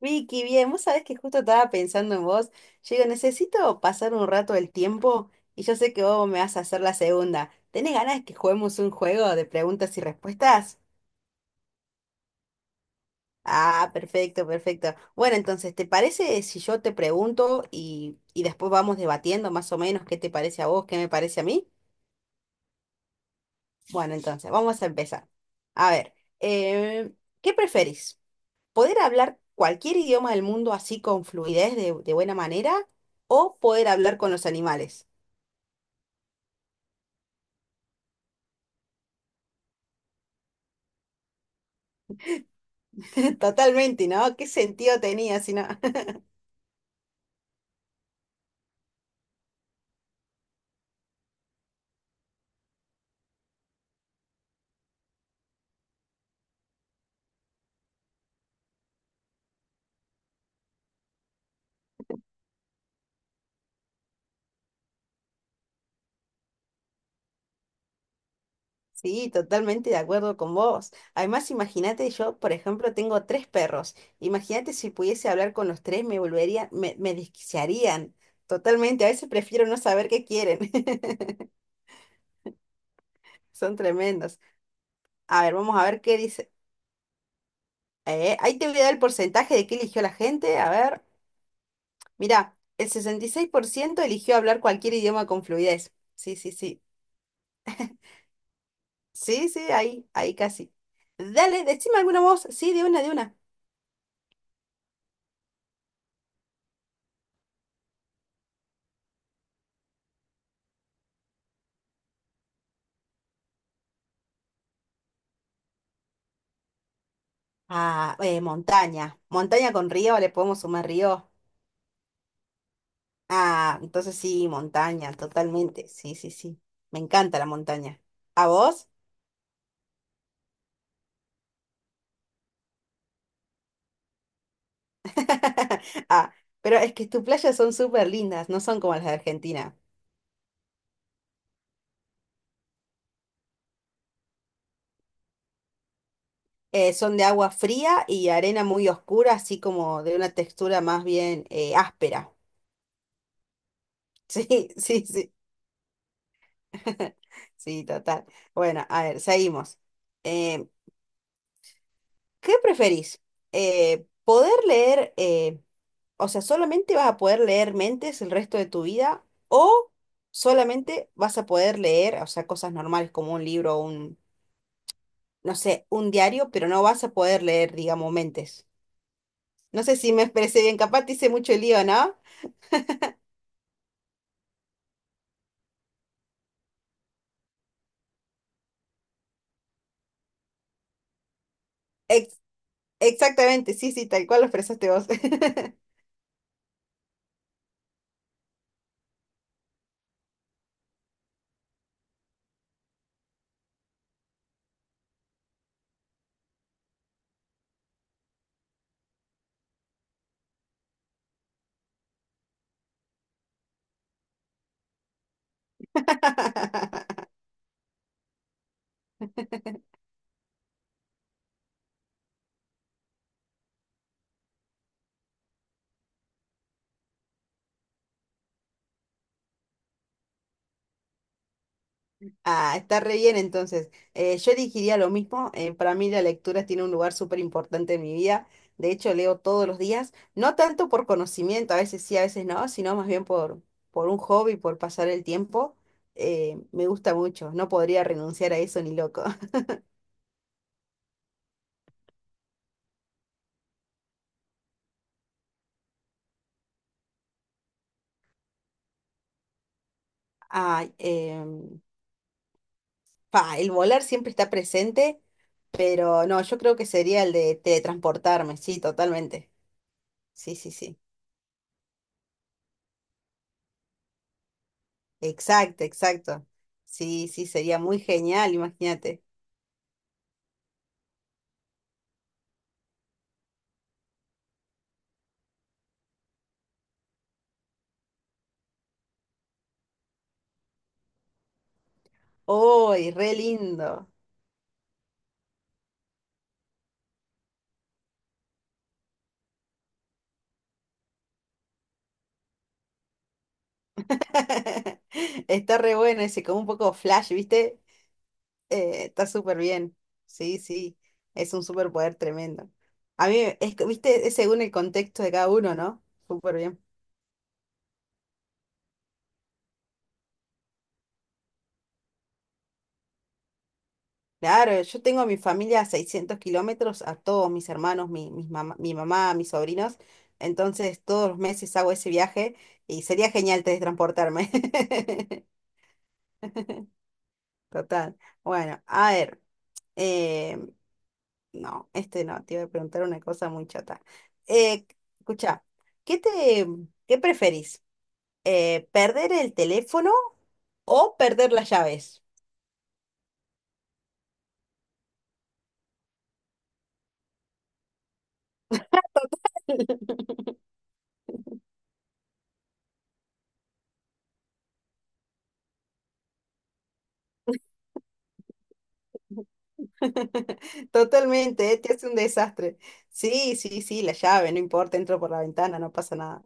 Vicky, bien, vos sabés que justo estaba pensando en vos. Yo digo, necesito pasar un rato del tiempo y yo sé que vos me vas a hacer la segunda. ¿Tenés ganas de que juguemos un juego de preguntas y respuestas? Ah, perfecto, perfecto. Bueno, entonces, ¿te parece si yo te pregunto y después vamos debatiendo más o menos qué te parece a vos, qué me parece a mí? Bueno, entonces, vamos a empezar. A ver, eh, ¿qué preferís? Poder hablar cualquier idioma del mundo así con fluidez de buena manera o poder hablar con los animales. Totalmente, ¿no? ¿Qué sentido tenía si no? Sí, totalmente de acuerdo con vos. Además, imagínate, yo, por ejemplo, tengo tres perros. Imagínate si pudiese hablar con los tres, me volvería, me desquiciarían. Totalmente, a veces prefiero no saber qué quieren. Son tremendos. A ver, vamos a ver qué dice. Ahí te voy a dar el porcentaje de qué eligió la gente. A ver. Mirá, el 66% eligió hablar cualquier idioma con fluidez. Sí, sí, sí. Sí, sí, ahí, ahí casi. Dale, decime alguna voz. Sí, de una, de una. Ah, montaña. Montaña con río, le podemos sumar río. Ah, entonces sí, montaña, totalmente. Sí, sí, sí. Me encanta la montaña. ¿A vos? Ah, pero es que tus playas son súper lindas, no son como las de Argentina. Son de agua fría y arena muy oscura, así como de una textura más bien áspera. Sí, sí, sí. Sí, total. Bueno, a ver, seguimos. Eh, ¿Qué preferís? ¿Poder leer, o sea, solamente vas a poder leer mentes el resto de tu vida o solamente vas a poder leer, o sea, cosas normales como un libro o un, no sé, un diario, pero no vas a poder leer, digamos, mentes? No sé si me expresé bien, capaz te hice mucho lío, ¿no? Ex- exactamente, sí, sí, tal cual lo expresaste vos. Ah, está re bien entonces. Yo elegiría lo mismo. Eh, para mí la lectura tiene un lugar súper importante en mi vida. De hecho, leo todos los días, no tanto por conocimiento, a veces sí, a veces no, sino más bien por un hobby, por pasar el tiempo. Me gusta mucho, no podría renunciar a eso ni loco. Ay, pa, el volar siempre está presente, pero no, yo creo que sería el de teletransportarme, sí, totalmente. Sí, sí, sí. Exacto, exacto. Sí, sí, sería muy genial, imagínate. ¡Uy, re lindo! Está re bueno ese, como un poco flash, ¿viste? Está súper bien. Sí, sí, es un superpoder tremendo. A mí, es, que, ¿viste? Es según el contexto de cada uno, ¿no? Súper bien. Claro, yo tengo a mi familia a 600 km, a todos mis hermanos, mi mamá, mis sobrinos. Entonces, todos los meses hago ese viaje y sería genial teletransportarme. Total. Bueno, a ver. Eh, no, este no, te iba a preguntar una cosa muy chata. Eh, escucha, ¿qué te, qué preferís? ¿Perder el teléfono o perder las llaves? Totalmente, ¿eh? Te hace un desastre. Sí, sí, sí, la llave, no importa, entro por la ventana, no pasa nada.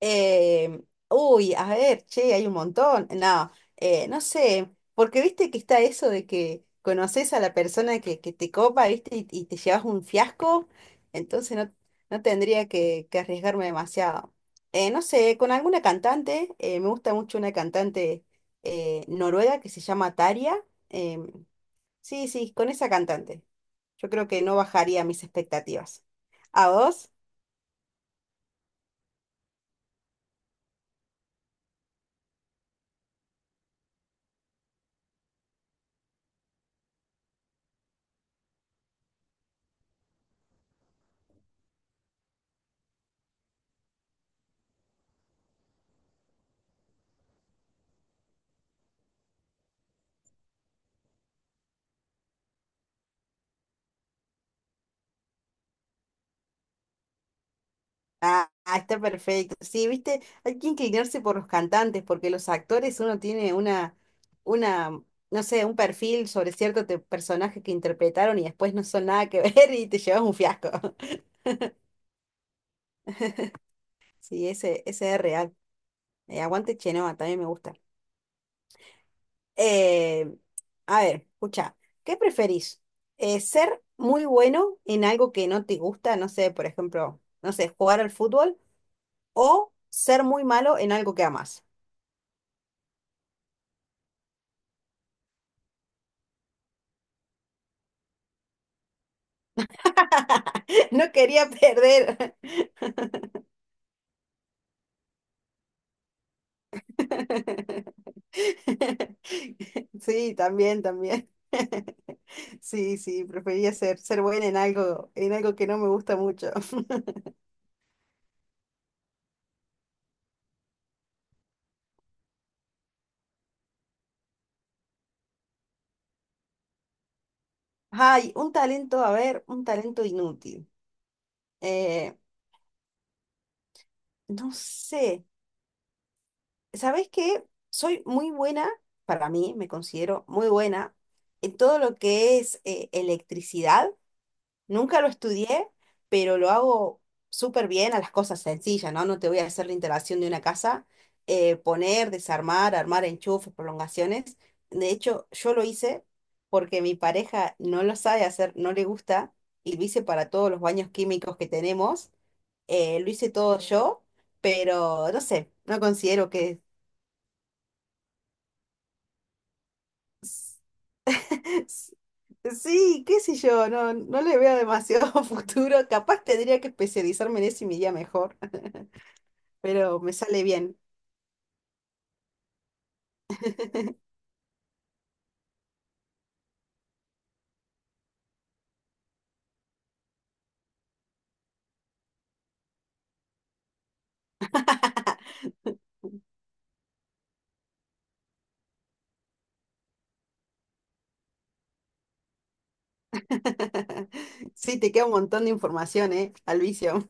Eh, uy, a ver, che, hay un montón. No, no sé, porque viste que está eso de que conoces a la persona que te copa, viste, y te llevas un fiasco, entonces no, no tendría que arriesgarme demasiado. No sé, con alguna cantante, me gusta mucho una cantante noruega que se llama Taria. em, sí, sí, con esa cantante. Yo creo que no bajaría mis expectativas. ¿A vos? Ah, ah, está perfecto. Sí, viste, hay que inclinarse por los cantantes, porque los actores uno tiene una, no sé, un perfil sobre cierto personaje que interpretaron y después no son nada que ver y te llevas un fiasco. Sí, ese es real. Aguante Chenoa, también me gusta. Eh, a ver, escucha, ¿qué preferís? ¿Ser muy bueno en algo que no te gusta? No sé, por ejemplo, no sé, jugar al fútbol o ser muy malo en algo que amas. No quería perder. Sí, también, también. Sí, sí, prefería ser buena en algo que no me gusta mucho. Ay, un talento, a ver, un talento inútil. Eh, no sé, ¿sabés qué? Soy muy buena, para mí, me considero muy buena en todo lo que es electricidad. Nunca lo estudié, pero lo hago súper bien a las cosas sencillas, ¿no? No te voy a hacer la instalación de una casa, poner, desarmar, armar enchufes, prolongaciones. De hecho, yo lo hice porque mi pareja no lo sabe hacer, no le gusta, y lo hice para todos los baños químicos que tenemos. Lo hice todo yo, pero no sé, no considero que... Sí, qué sé yo, no, no le veo demasiado futuro. Capaz tendría que especializarme en eso y me iría mejor. Pero me sale bien. Sí, te queda un montón de información, ¿eh? Al vicio.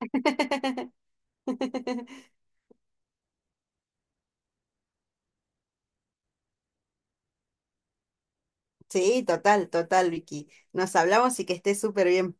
Sí, total, total, Vicky. Nos hablamos y que estés súper bien.